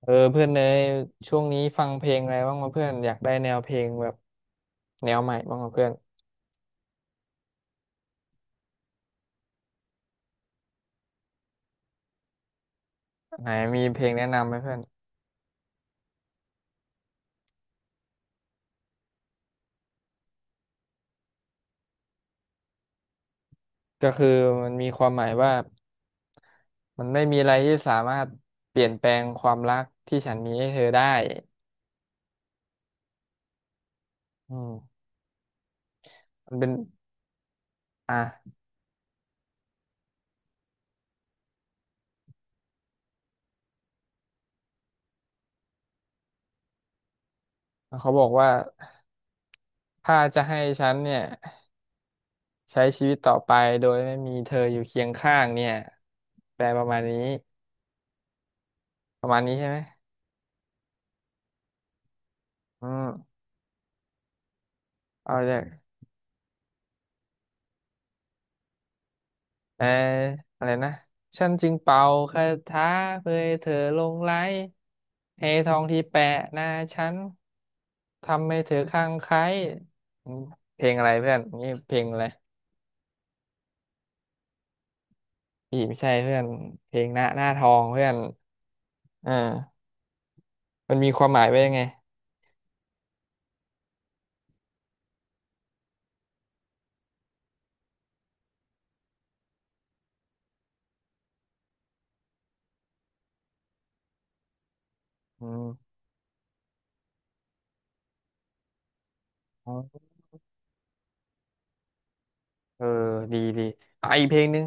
เออเพื่อนเนยช่วงนี้ฟังเพลงอะไรบ้างวะเพื่อนอยากได้แนวเพลงแบบแนวใหม่บ้างวะเพื่อนไหนมีเพลงแนะนำไหมเพื่อนก็คือมันมีความหมายว่ามันไม่มีอะไรที่สามารถเปลี่ยนแปลงความรักที่ฉันมีให้เธอได้อืมมันเป็นอ่ะเขาบอกว่าถ้าจะให้ฉันเนี่ยใช้ชีวิตต่อไปโดยไม่มีเธออยู่เคียงข้างเนี่ยแปลประมาณนี้ประมาณนี้ใช่ไหมอืมเอาจาก เอออะไรนะฉันจึงเป่าคาถาเพื่อให้เธอหลงไหลให้ทองที่แปะหน้าฉันทำให้เธอคลั่งไคล้อืมเพลงอะไรเพื่อนนี่เพลงอะไรอีไม่ใช่เพื่อนเพลงหน้าหน้าทองเพื่อนเออมันมีความหมายไว้ยังไงอืมอ๋อเออดีดีอ่ะอีกเพลงหนึ่ง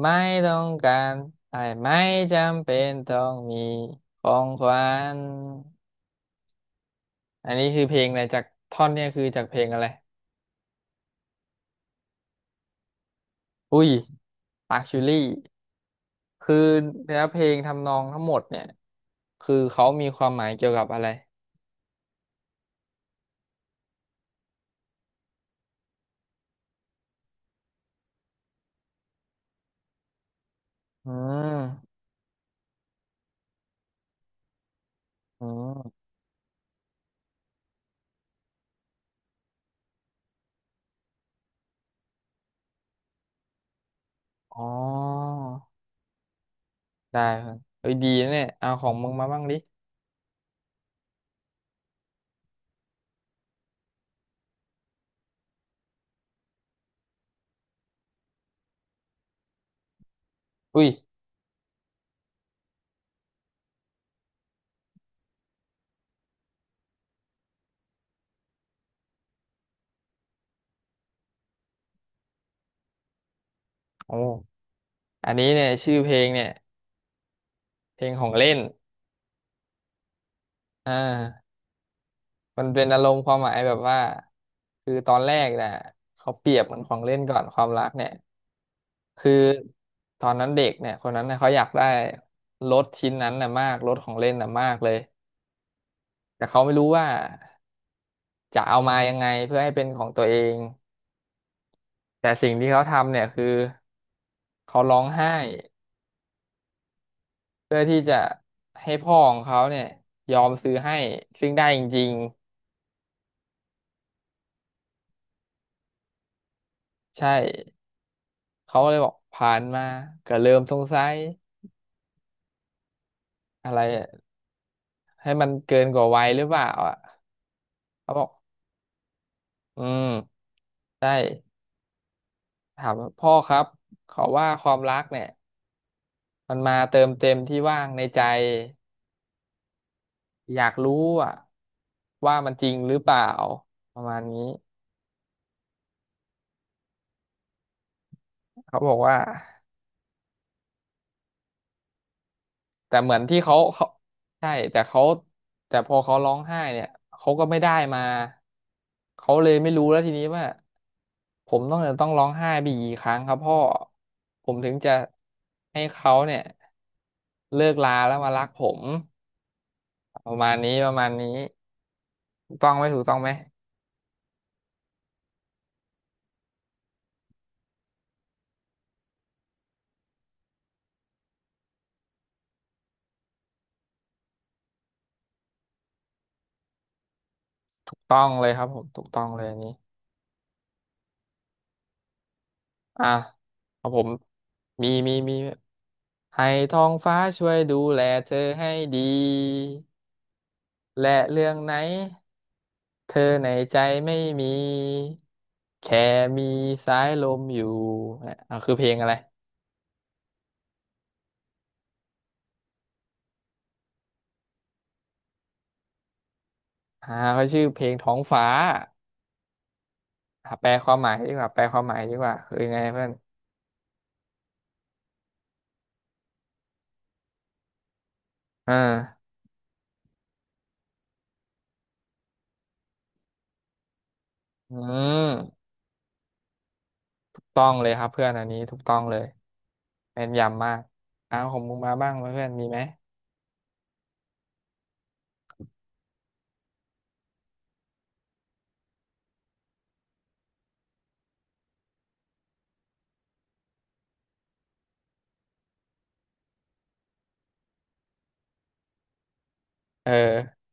ไม่ต้องการไอ้ไม่จำเป็นต้องมีของขวัญ อันนี้คือเพลงอะไรจากท่อนเนี่ยคือจากเพลงอะไรอุ้ยปากชูลี่คือเนื้อเพลงทำนองทั้งหมดเนี่ยคือเขามีความหมายเกี่ยวกับอะไรอืมอืมอ๋อได้ครับเฮ้ยดีนะเนี่ยเอาของมึงมาบ้างดิอุ้ยโอ้อันนี้เนี่ยชื่อเพลงเนี่ยเพลงของเล่นอ่ามันเป็นอารมณ์ความหมายแบบว่าคือตอนแรกนะเขาเปรียบเหมือนของเล่นก่อนความรักเนี่ย คือตอนนั้นเด็กเนี่ยคนนั้นเนี่ยเขาอยากได้รถชิ้นนั้นน่ะมากรถของเล่นน่ะมากเลยแต่เขาไม่รู้ว่าจะเอามายังไงเพื่อให้เป็นของตัวเองแต่สิ่งที่เขาทำเนี่ยคือเขาร้องไห้เพื่อที่จะให้พ่อของเขาเนี่ยยอมซื้อให้ซึ่งได้จริงๆใช่เขาเลยบอกผ่านมาก็เริ่มสงสัยอะไรให้มันเกินกว่าวัยหรือเปล่าอ่ะเขาบอกอืมได้ถามว่าพ่อครับขอว่าความรักเนี่ย มันมาเติมเต็มที่ว่างในใจอยากรู้อะว่ามันจริงหรือเปล่าประมาณนี้เขาบอกว่าแต่เหมือนที่เขาใช่แต่เขาแต่พอเขาร้องไห้เนี่ยเขาก็ไม่ได้มาเขาเลยไม่รู้แล้วทีนี้ว่าผมต้องจะต้องร้องไห้ไปอีกกี่ครั้งครับพ่อผมถึงจะให้เขาเนี่ยเลิกลาแล้วมารักผมประมาณนี้ประมาณนี้ถูกต้องไหมถูกต้องไหมถูกต้องเลยครับผมถูกต้องเลยอันนี้ อ่ะเอาผมมีมีมีให้ท้องฟ้าช่วยดูแลเธอให้ดีและเรื่องไหนเธอในใจไม่มีแค่มีสายลมอยู่อ่ะอ่ะคือเพลงอะไรอ่าเขาชื่อเพลงท้องฟ้าอ่ะแปลความหมายดีกว่าแปลความหมายดีกว่าคือยังไงเพื่อนอ่าอืมถูกต้องเลยครับเพื่อนอันนี้ถูกต้องเลยแม่นยำมากอ้าวของมึงมาบ้างไหมเพื่อนมีไหมเออ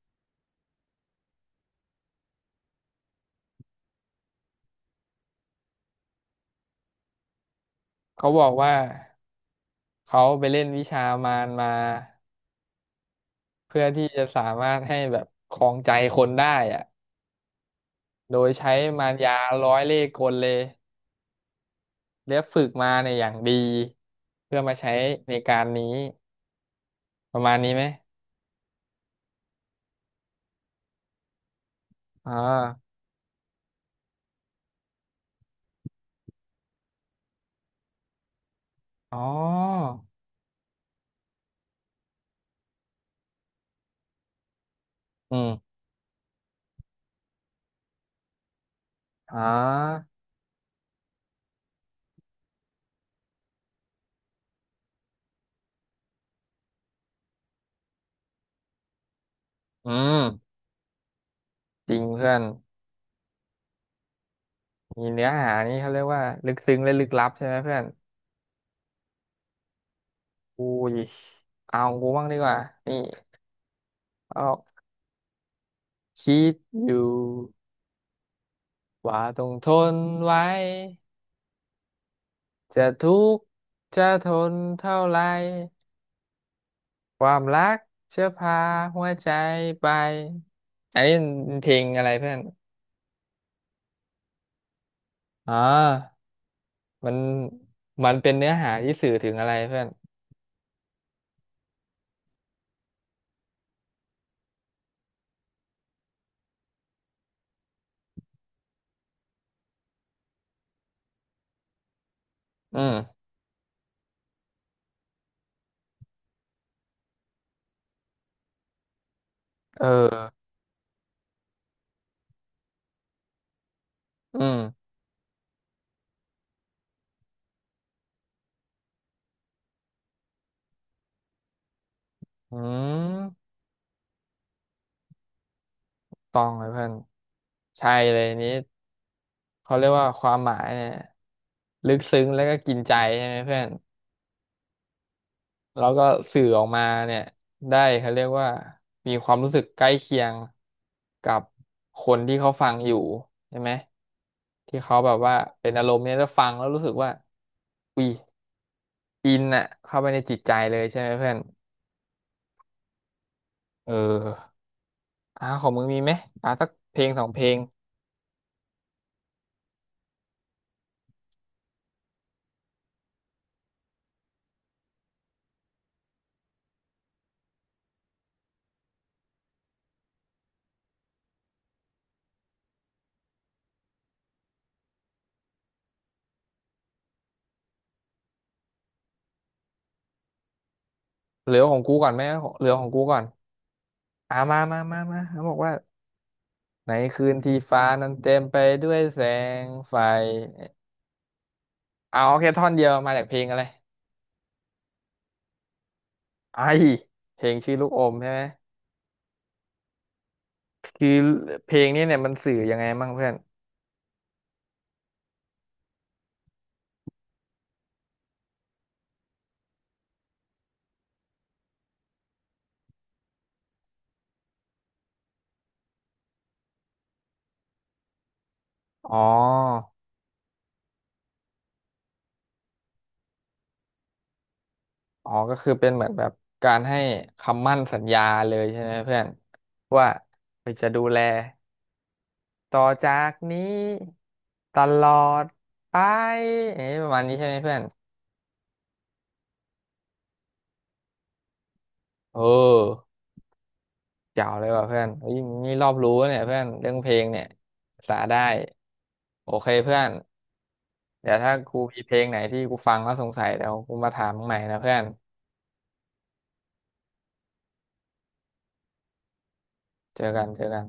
เขาบอกว่า เขาไปเล่นวิชามารมาเพื่อที่จะสามารถให้แบบครองใจคนได้อะโดยใช้มารยาร้อยเล่ห์กลเลยและฝึกมาในยอย่างดีเพื่อมาใช้ในการนี้ประมาณนี้ไหมอ่าอ๋ออืมอ๋ออืมจริงเพื่อน มีเนื้อหานี่เขาเรียกว่าลึกซึ้งและลึกลับใช่ไหมเพื่อนอุ้ยเอากูบ้างดีกว่านี่เอาคิดอยู่ว่าต้องทนไว้ จะทุกข์จะทนเท่าไร ความรักจะพาหัวใจไปอันนี้มันเพลงอะไรเพื่อนอ๋อมันมันเป็นเนื้อหาที่สื่อถึงอะไรเพื่อนอืมเออ อืมอืมต้องเลยเพื่อนใช่เลยนี้เขาเรียกว่าความหมายเนี่ยลึกซึ้งแล้วก็กินใจใช่ไหมเพื่อน แล้วก็สื่อออกมาเนี่ยได้เขาเรียกว่ามีความรู้สึกใกล้เคียงกับคนที่เขาฟังอยู่ใช่ไหมที่เขาแบบว่าเป็นอารมณ์เนี่ยแล้วฟังแล้วรู้สึกว่าอุ้ยอินอะเข้าไปในจิตใจเลยใช่ไหมเพื่อนเอออ่าของมึงมีไหมอ่าสักเพลงสองเพลงเหลือของกูก่อนไหมของเหลือของกูก่อนอ่ามามามามาเขาบอกว่าในคืนที่ฟ้านั้นเต็มไปด้วยแสงไฟเอาโอเคท่อนเดียวมาจากเพลงอะไร ไอเพลงชื่อลูกอมใช่ไหมคือเพลงนี้เนี่ยมันสื่อยังไงมั่งเพื่อนอ๋ออ๋อก็คือเป็นเหมือนแบบการให้คำมั่นสัญญาเลยใช่ไหมเพื่อนว่าจะดูแลต่อจากนี้ตลอดไปเอ๊ะประมาณนี้ใช่ไหมเพื่อนเออเจ๋วเลยว่ะเพื่อนเฮ้ยนี่รอบรู้เนี่ยเพื่อนเรื่องเพลงเนี่ยสาได้โอเคเพื่อนเดี๋ยวถ้ากูมีเพลงไหนที่กูฟังแล้วสงสัยเดี๋ยวกูมาถามมึงใหม่นะเพื่อน เจอกันเจอกัน